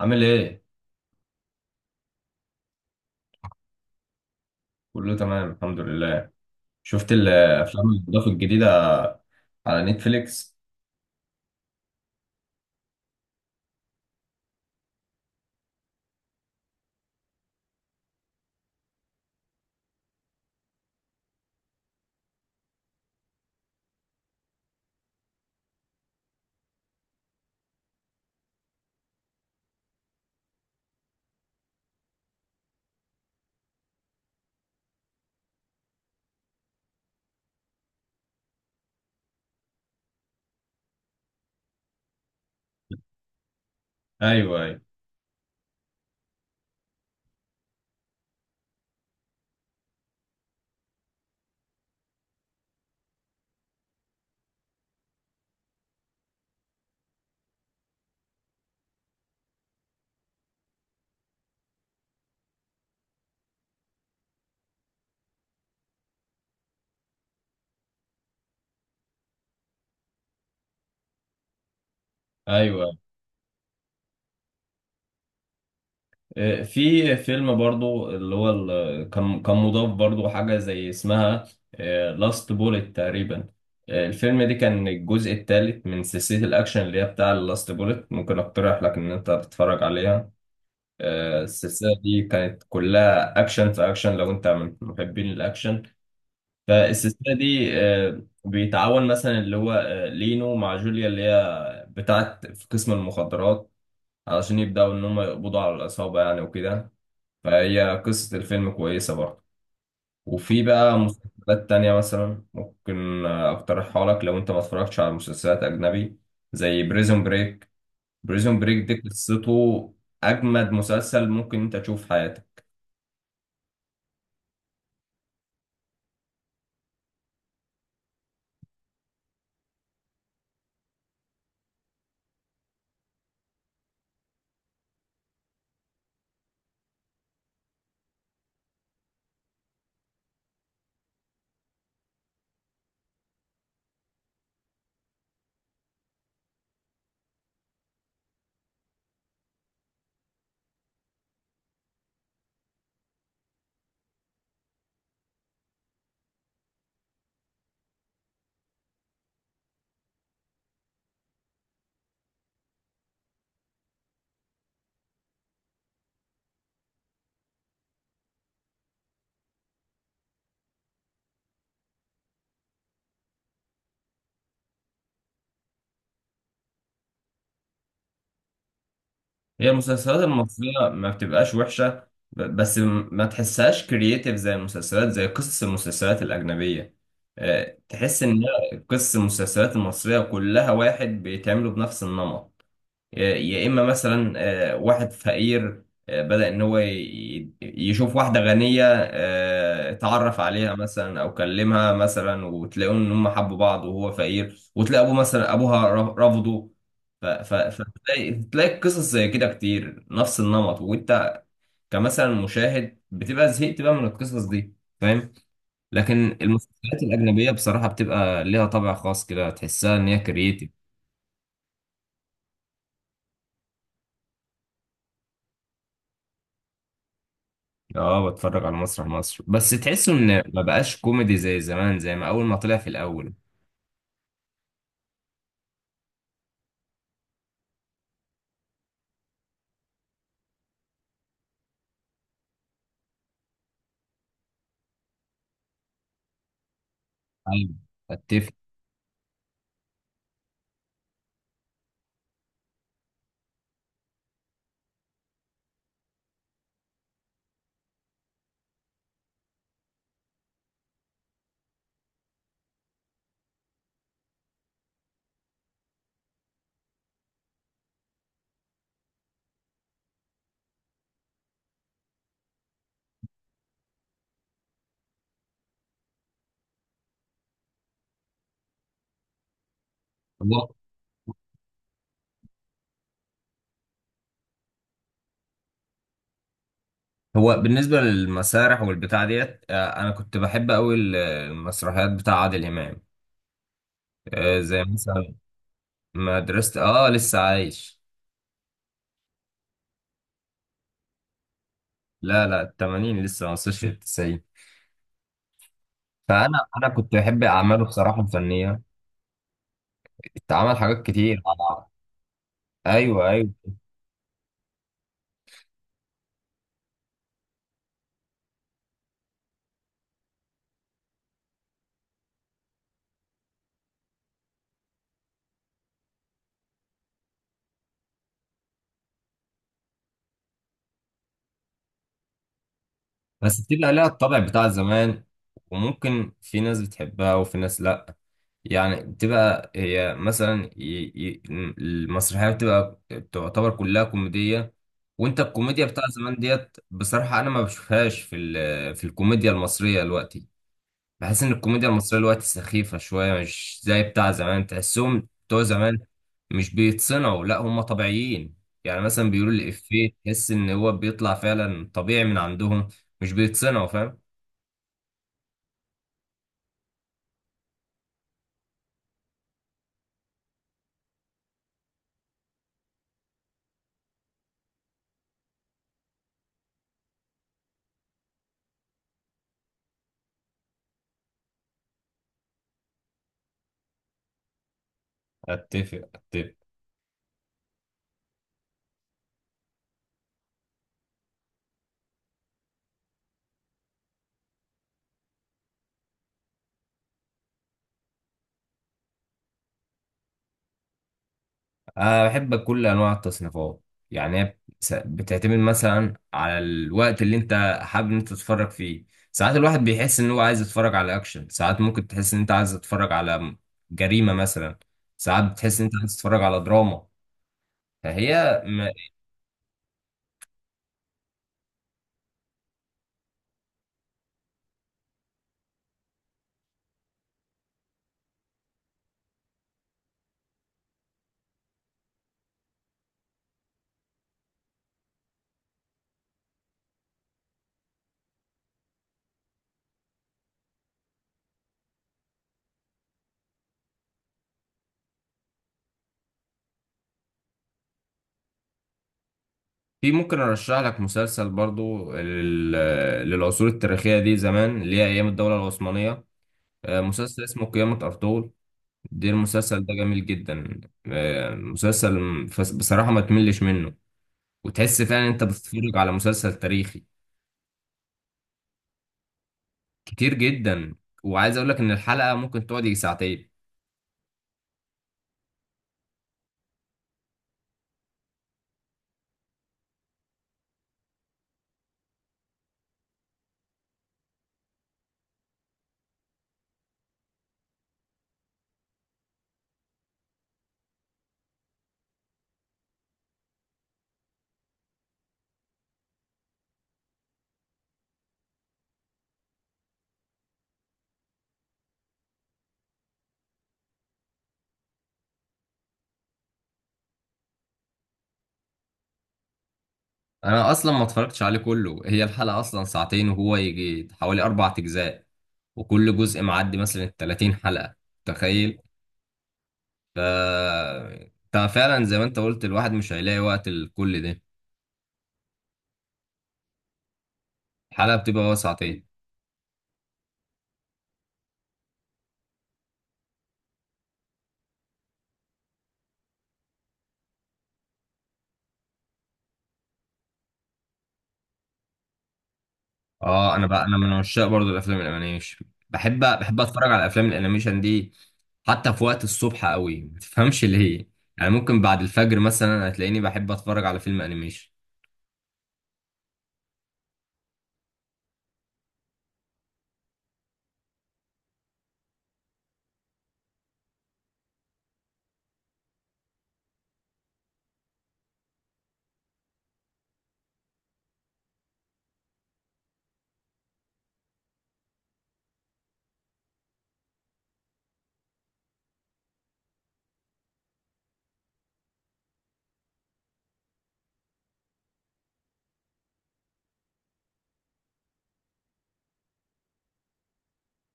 عامل ايه؟ كله تمام الحمد لله. شفت الافلام الاضافه الجديده على نتفليكس؟ ايوه ايوه ايوه. في فيلم برضو اللي هو كان مضاف برضو حاجه زي اسمها لاست بوليت تقريبا. الفيلم ده كان الجزء الثالث من سلسله الاكشن اللي هي بتاع لاست بوليت، ممكن اقترح لك ان انت تتفرج عليها. السلسله دي كانت كلها اكشن في اكشن لو انت من محبين الاكشن. فالسلسلة دي بيتعاون مثلا اللي هو لينو مع جوليا اللي هي بتاعت في قسم المخدرات، علشان يبدأوا إن هم يقبضوا على العصابة يعني وكده. فهي قصة الفيلم كويسة برضه. وفي بقى مسلسلات تانية مثلا ممكن أقترحها لك لو أنت ما اتفرجتش على مسلسلات أجنبي، زي بريزون بريك. بريزون بريك دي قصته أجمد مسلسل ممكن أنت تشوف في حياتك. هي المسلسلات المصرية ما بتبقاش وحشة، بس ما تحسهاش كرييتيف زي المسلسلات، زي قصص المسلسلات الأجنبية. تحس إن قصص المسلسلات المصرية كلها واحد، بيتعملوا بنفس النمط. يا اما مثلا واحد فقير، بدأ ان هو يشوف واحده غنيه، اتعرف عليها مثلا او كلمها مثلا وتلاقوا ان هم حبوا بعض، وهو فقير وتلاقي ابوه مثلا ابوها رفضه. ف- ف- فتلاقي قصص زي كده كتير نفس النمط، وانت كمثلا مشاهد بتبقى زهقت بقى من القصص دي، فاهم. لكن المسلسلات الاجنبيه بصراحه بتبقى ليها طابع خاص كده، تحسها ان هي كرييتيف. اه بتفرج على مسرح مصر، بس تحسه ان ما بقاش كوميدي زي زمان، زي ما اول ما طلع في الاول. ايوه، اتفق. هو هو بالنسبه للمسارح والبتاع ديت، انا كنت بحب قوي المسرحيات بتاع عادل امام. زي مثلا مدرسه. اه لسه عايش. لا لا، ال 80 لسه ما وصلش لل 90. فانا كنت بحب اعماله بصراحه الفنيه. اتعمل حاجات كتير. ايوه ايوه. بس بتبقى لها الطابع بتاع زمان، وممكن في ناس بتحبها وفي ناس لأ. يعني بتبقى هي مثلا المسرحية بتبقى بتعتبر كلها كوميدية، وانت الكوميديا بتاع زمان ديت بصراحة انا ما بشوفهاش في في الكوميديا المصرية دلوقتي. بحس ان الكوميديا المصريه دلوقتي سخيفه شويه، مش زي بتاع زمان. تحسهم بتوع زمان مش بيتصنعوا، لا هم طبيعيين. يعني مثلا بيقولوا الافيه تحس ان هو بيطلع فعلا طبيعي من عندهم، مش بيتصنعوا، فاهم. اتفق اتفق. انا بحب كل انواع التصنيفات. يعني هي بتعتمد مثلا على الوقت اللي انت حابب ان انت تتفرج فيه. ساعات الواحد بيحس ان هو عايز يتفرج على اكشن، ساعات ممكن تحس ان انت عايز تتفرج على جريمه مثلا، ساعات بتحس ان انت عايز تتفرج على دراما. فهي في ممكن ارشح لك مسلسل برضو للعصور التاريخيه دي زمان، اللي هي ايام الدوله العثمانيه. مسلسل اسمه قيامه ارطغرل. ده المسلسل ده جميل جدا. مسلسل بصراحه ما تملش منه، وتحس فعلا انت بتتفرج على مسلسل تاريخي. كتير جدا. وعايز اقول لك ان الحلقه ممكن تقعد يجي ساعتين. انا اصلا ما اتفرجتش عليه كله، هي الحلقه اصلا ساعتين وهو يجي حوالي اربع اجزاء، وكل جزء معدي مثلا 30 حلقه، تخيل. ف انت فعلا زي ما انت قلت الواحد مش هيلاقي وقت لكل ده. الحلقه بتبقى وسعتين. اه انا بقى انا من عشاق برضو الافلام الانيميشن، بحب اتفرج على الافلام الانيميشن دي حتى في وقت الصبح قوي، ما تفهمش ليه. يعني ممكن بعد الفجر مثلا هتلاقيني بحب اتفرج على فيلم انيميشن.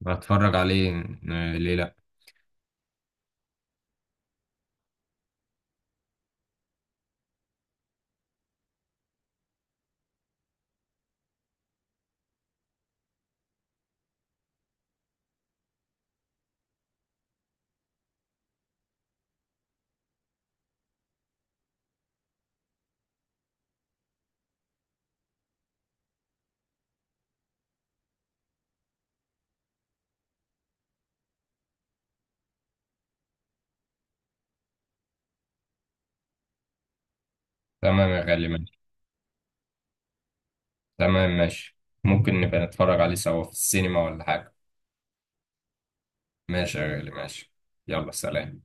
بتفرج عليه، ليه لا. تمام يا غالي، ماشي. تمام ماشي. ممكن نبقى نتفرج عليه سوا في السينما ولا حاجه. ماشي يا غالي ماشي. يلا سلام.